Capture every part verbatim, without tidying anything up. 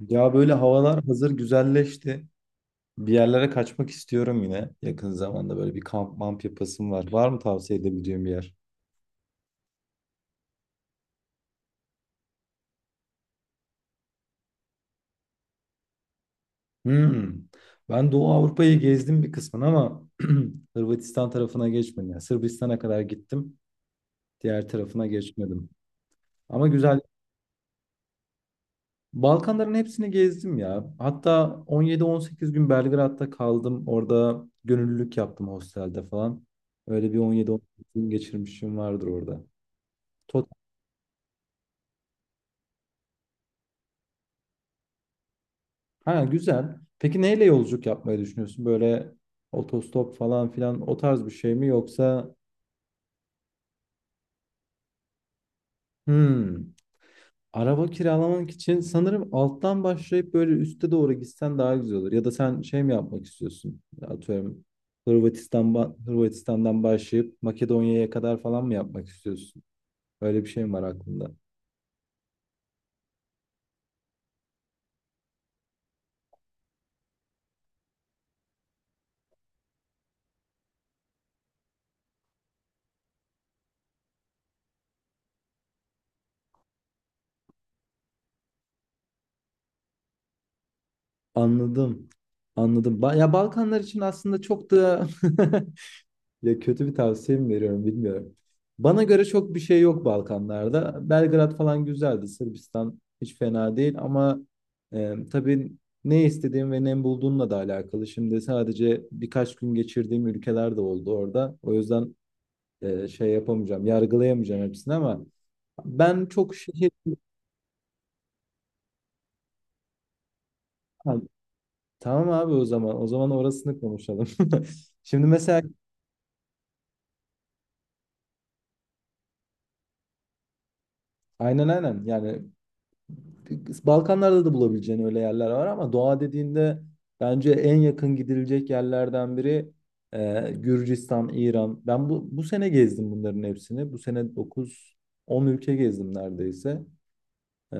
Ya böyle havalar hazır güzelleşti. Bir yerlere kaçmak istiyorum yine. Yakın zamanda böyle bir kamp mamp yapasım var. Var mı tavsiye edebileceğim bir yer? Hmm. Ben Doğu Avrupa'yı gezdim bir kısmını ama Hırvatistan tarafına geçmedim. Yani Sırbistan'a kadar gittim. Diğer tarafına geçmedim. Ama güzel. Balkanların hepsini gezdim ya. Hatta on yedi on sekiz gün Belgrad'da kaldım. Orada gönüllülük yaptım hostelde falan. Öyle bir on yediden on sekize gün geçirmişim vardır orada. Ha, güzel. Peki neyle yolculuk yapmayı düşünüyorsun? Böyle otostop falan filan o tarz bir şey mi yoksa? Hmm, Araba kiralamak için sanırım alttan başlayıp böyle üste doğru gitsen daha güzel olur. Ya da sen şey mi yapmak istiyorsun? Atıyorum, Hırvatistan ba- Hırvatistan'dan başlayıp Makedonya'ya kadar falan mı yapmak istiyorsun? Öyle bir şey mi var aklında? Anladım. Anladım. Ba- ya, Balkanlar için aslında çok da... Ya, kötü bir tavsiye mi veriyorum bilmiyorum. Bana göre çok bir şey yok Balkanlarda. Belgrad falan güzeldi. Sırbistan hiç fena değil ama e, tabii, ne istediğim ve ne bulduğumla da alakalı. Şimdi sadece birkaç gün geçirdiğim ülkeler de oldu orada. O yüzden e, şey yapamayacağım, yargılayamayacağım hepsini ama ben çok şehir... Tamam abi, o zaman. O zaman orasını konuşalım. Şimdi mesela... Aynen, aynen. Yani Balkanlarda da bulabileceğin öyle yerler var ama doğa dediğinde bence en yakın gidilecek yerlerden biri e, Gürcistan, İran. Ben bu, bu sene gezdim bunların hepsini. Bu sene dokuz on ülke gezdim neredeyse. Ee,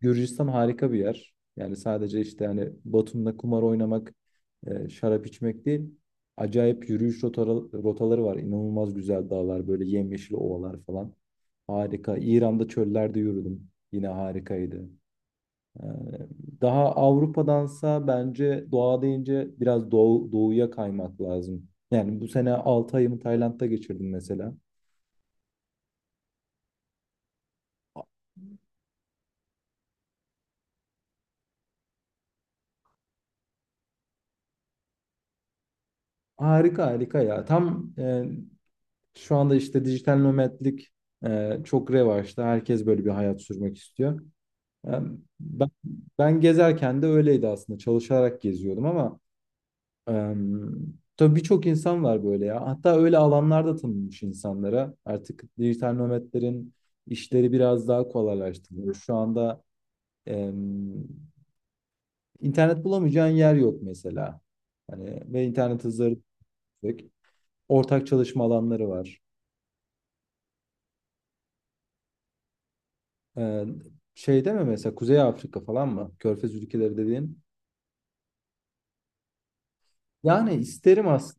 Gürcistan harika bir yer. Yani sadece işte hani Batum'da kumar oynamak, e, şarap içmek değil. Acayip yürüyüş rotara- rotaları var. İnanılmaz güzel dağlar, böyle yemyeşil ovalar falan. Harika. İran'da çöllerde yürüdüm. Yine harikaydı. Ee, Daha Avrupa'dansa bence doğa deyince biraz doğu, doğuya kaymak lazım. Yani bu sene altı ayımı Tayland'da geçirdim mesela. Harika, harika ya. Tam e, Şu anda işte dijital nomadlik e, çok revaçta. Herkes böyle bir hayat sürmek istiyor. E, ben, ben gezerken de öyleydi aslında. Çalışarak geziyordum ama e, tabii, birçok insan var böyle ya. Hatta öyle alanlarda tanınmış insanlara. Artık dijital nomadlerin işleri biraz daha kolaylaştırılıyor. Şu anda e, internet bulamayacağın yer yok mesela. Hani ve internet hızları yüksek. Ortak çalışma alanları var. Ee, Şeyde mi mesela, Kuzey Afrika falan mı? Körfez ülkeleri dediğin. Yani isterim, as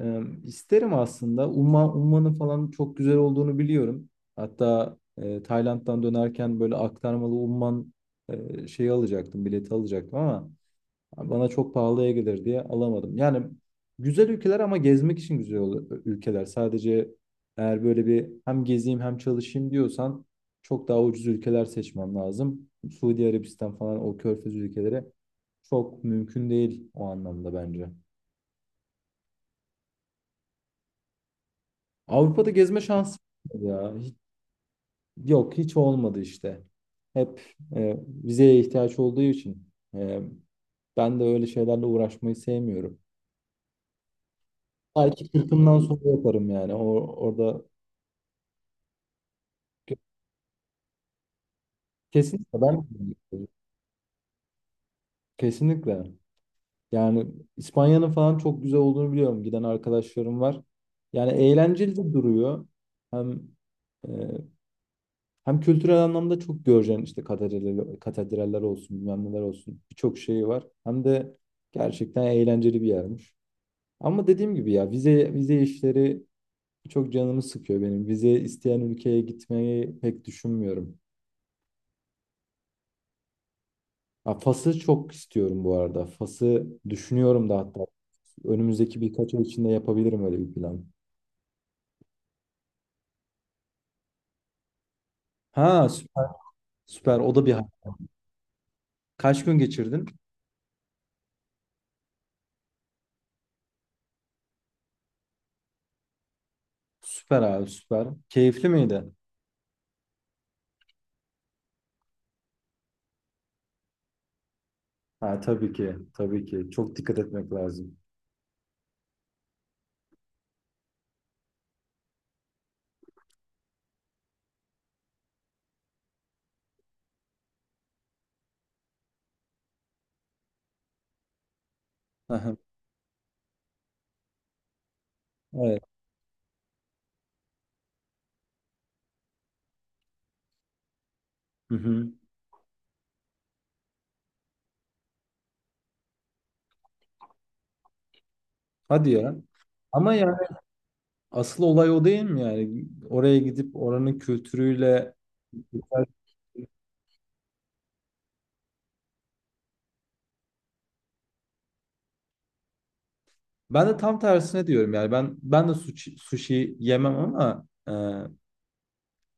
e, isterim aslında. Umma, Umman'ın falan çok güzel olduğunu biliyorum. Hatta e, Tayland'dan dönerken böyle aktarmalı Umman e, şeyi alacaktım, bileti alacaktım ama yani bana çok pahalıya gelir diye alamadım. Yani güzel ülkeler ama gezmek için güzel ol- ülkeler. Sadece eğer böyle bir hem gezeyim hem çalışayım diyorsan çok daha ucuz ülkeler seçmem lazım. Suudi Arabistan falan, o körfez ülkeleri çok mümkün değil o anlamda bence. Avrupa'da gezme şansı olmadı ya. Hiç- yok, hiç olmadı işte. Hep e, vizeye ihtiyaç olduğu için e, ben de öyle şeylerle uğraşmayı sevmiyorum. Belki kırkımdan sonra yaparım yani. O, orada kesinlikle ben, kesinlikle. Yani İspanya'nın falan çok güzel olduğunu biliyorum. Giden arkadaşlarım var. Yani eğlenceli de duruyor. Hem e, hem kültürel anlamda çok göreceğin işte, katedraller, katedraller olsun, bilmem neler olsun. Birçok şeyi var. Hem de gerçekten eğlenceli bir yermiş. Ama dediğim gibi ya, vize vize işleri çok canımı sıkıyor benim. Vize isteyen ülkeye gitmeyi pek düşünmüyorum. Ha, Fas'ı çok istiyorum bu arada. Fas'ı düşünüyorum da hatta. Önümüzdeki birkaç ay içinde yapabilirim öyle bir plan. Ha, süper. Süper. O da bir hay- Kaç gün geçirdin? Süper abi, süper. Keyifli miydi? Ha, tabii ki. Tabii ki. Çok dikkat etmek lazım. Aha. Evet. Hı hı. Hadi ya. Ama yani asıl olay o değil mi yani? Oraya gidip oranın kültürüyle... Ben de tam tersine diyorum yani, ben ben de sushi, sushi yemem ama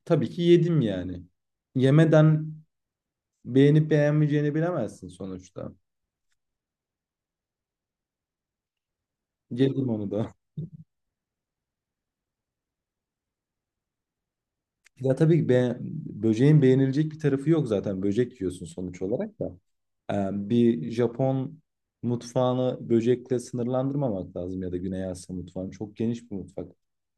tabii ki yedim yani. Yemeden beğenip beğenmeyeceğini bilemezsin sonuçta. Yedim onu da. Ya tabii ki, be böceğin beğenilecek bir tarafı yok zaten. Böcek yiyorsun sonuç olarak da. Ee, bir Japon mutfağını böcekle sınırlandırmamak lazım, ya da Güney Asya mutfağını. Çok geniş bir mutfak.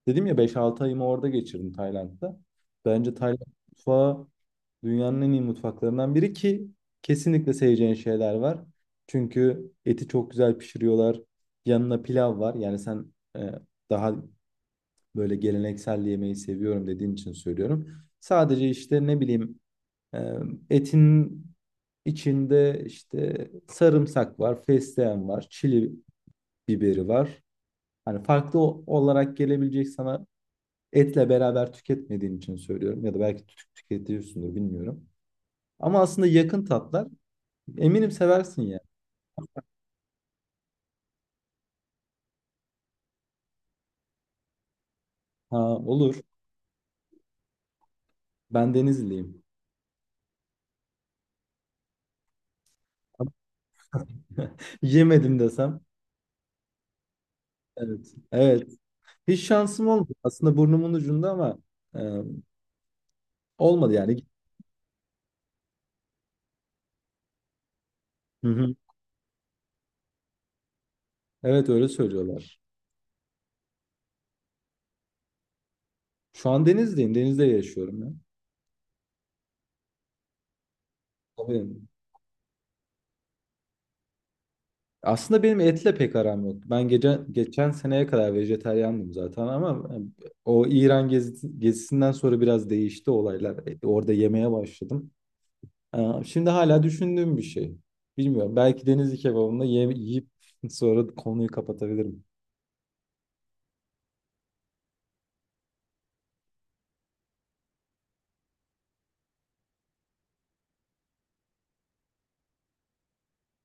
Dedim ya, beş altı ayımı orada geçirdim Tayland'da. Bence Tayland mutfağı dünyanın en iyi mutfaklarından biri, ki kesinlikle seveceğin şeyler var. Çünkü eti çok güzel pişiriyorlar. Yanına pilav var. Yani sen e, daha böyle geleneksel yemeği seviyorum dediğin için söylüyorum. Sadece işte ne bileyim, e, etin içinde işte sarımsak var, fesleğen var, çili biberi var. Hani farklı o- olarak gelebilecek sana, etle beraber tüketmediğin için söylüyorum, ya da belki tü- tüketiyorsundur bilmiyorum. Ama aslında yakın tatlar. Eminim seversin ya. Ha, olur. Ben Denizliyim. Yemedim desem. Evet. Evet. Hiç şansım olmadı. Aslında burnumun ucunda ama e, olmadı yani. Hı hı. Evet, öyle söylüyorlar. Şu an Denizliyim. Denizde yaşıyorum ya. Tabii. Aslında benim etle pek aram yok. Ben, gece, geçen seneye kadar vejetaryandım zaten ama e, o İran gezi- gezisinden sonra biraz değişti olaylar. E, Orada yemeye başladım. Ee, Şimdi hala düşündüğüm bir şey. Bilmiyorum. Belki Denizli kebabında ye- yiyip sonra konuyu kapatabilirim.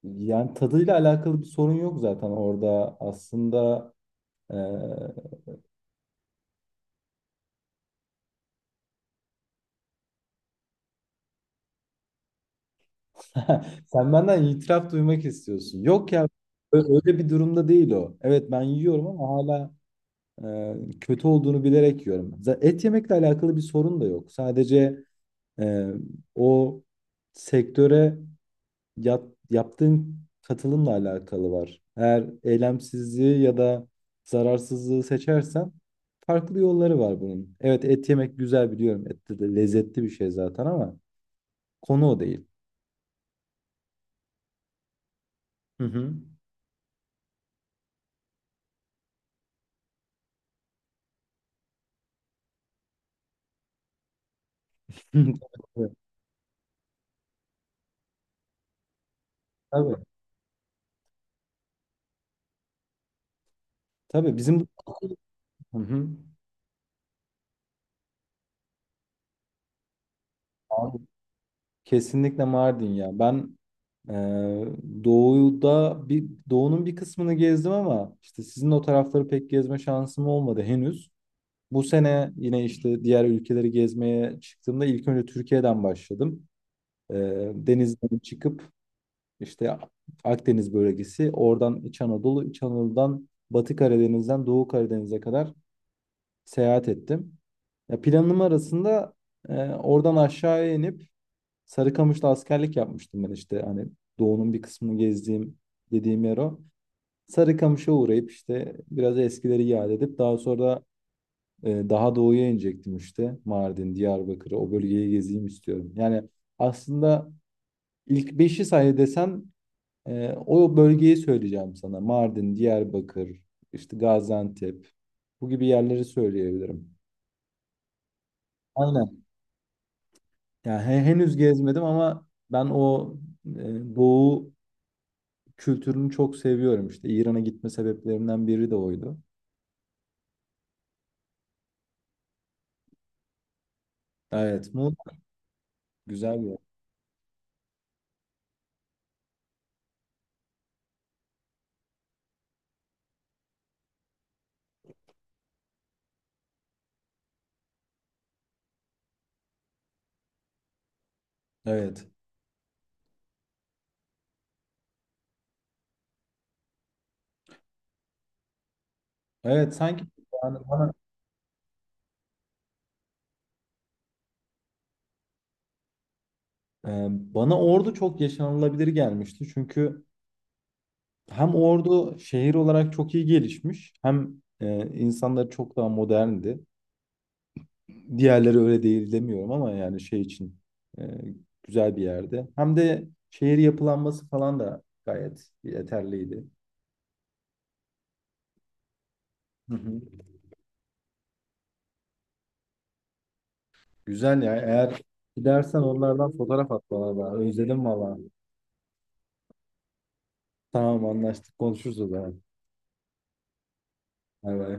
Yani tadıyla alakalı bir sorun yok zaten orada. Aslında eee, sen benden itiraf duymak istiyorsun. Yok ya, ö- öyle bir durumda değil o. Evet, ben yiyorum ama hala eee, kötü olduğunu bilerek yiyorum. Z- Et yemekle alakalı bir sorun da yok. Sadece eee, o sektöre yap- yaptığın katılımla alakalı var. Eğer eylemsizliği ya da zararsızlığı seçersen farklı yolları var bunun. Evet, et yemek güzel, biliyorum. Et de de lezzetli bir şey zaten ama konu o değil. Hı hı. Tabii. Tabii bizim... Hı hı. Abi, kesinlikle Mardin ya. Ben e, doğuda bir doğunun bir kısmını gezdim ama işte sizin o tarafları pek gezme şansım olmadı henüz. Bu sene yine işte diğer ülkeleri gezmeye çıktığımda ilk önce Türkiye'den başladım. Ee, Denizden çıkıp işte Akdeniz bölgesi, oradan İç Anadolu, İç Anadolu'dan Batı Karadeniz'den Doğu Karadeniz'e kadar seyahat ettim. Ya, planım arasında e, oradan aşağıya inip Sarıkamış'ta askerlik yapmıştım ben, işte hani Doğu'nun bir kısmını gezdiğim dediğim yer o. Sarıkamış'a uğrayıp işte biraz eskileri yad edip daha sonra Ee, daha doğuya inecektim işte. Mardin, Diyarbakır'ı, o bölgeyi gezeyim istiyorum. Yani aslında ilk beşi say desem e, o bölgeyi söyleyeceğim sana. Mardin, Diyarbakır, işte Gaziantep, bu gibi yerleri söyleyebilirim. Aynen. Yani he- henüz gezmedim ama ben o e, doğu kültürünü çok seviyorum. İşte İran'a gitme sebeplerimden biri de oydu. Evet, Muğla güzel bir yer. Evet. Evet, sanki yani bana... Ee, Bana Ordu çok yaşanılabilir gelmişti. Çünkü hem Ordu şehir olarak çok iyi gelişmiş hem e, insanları çok daha moderndi. Diğerleri öyle değil demiyorum ama yani şey için e, güzel bir yerde. Hem de şehir yapılanması falan da gayet yeterliydi. Hı hı. Güzel ya. Eğer gidersen onlardan fotoğraf at bana da. Özledim valla. Tamam, anlaştık. Konuşuruz o zaman. Bay bay.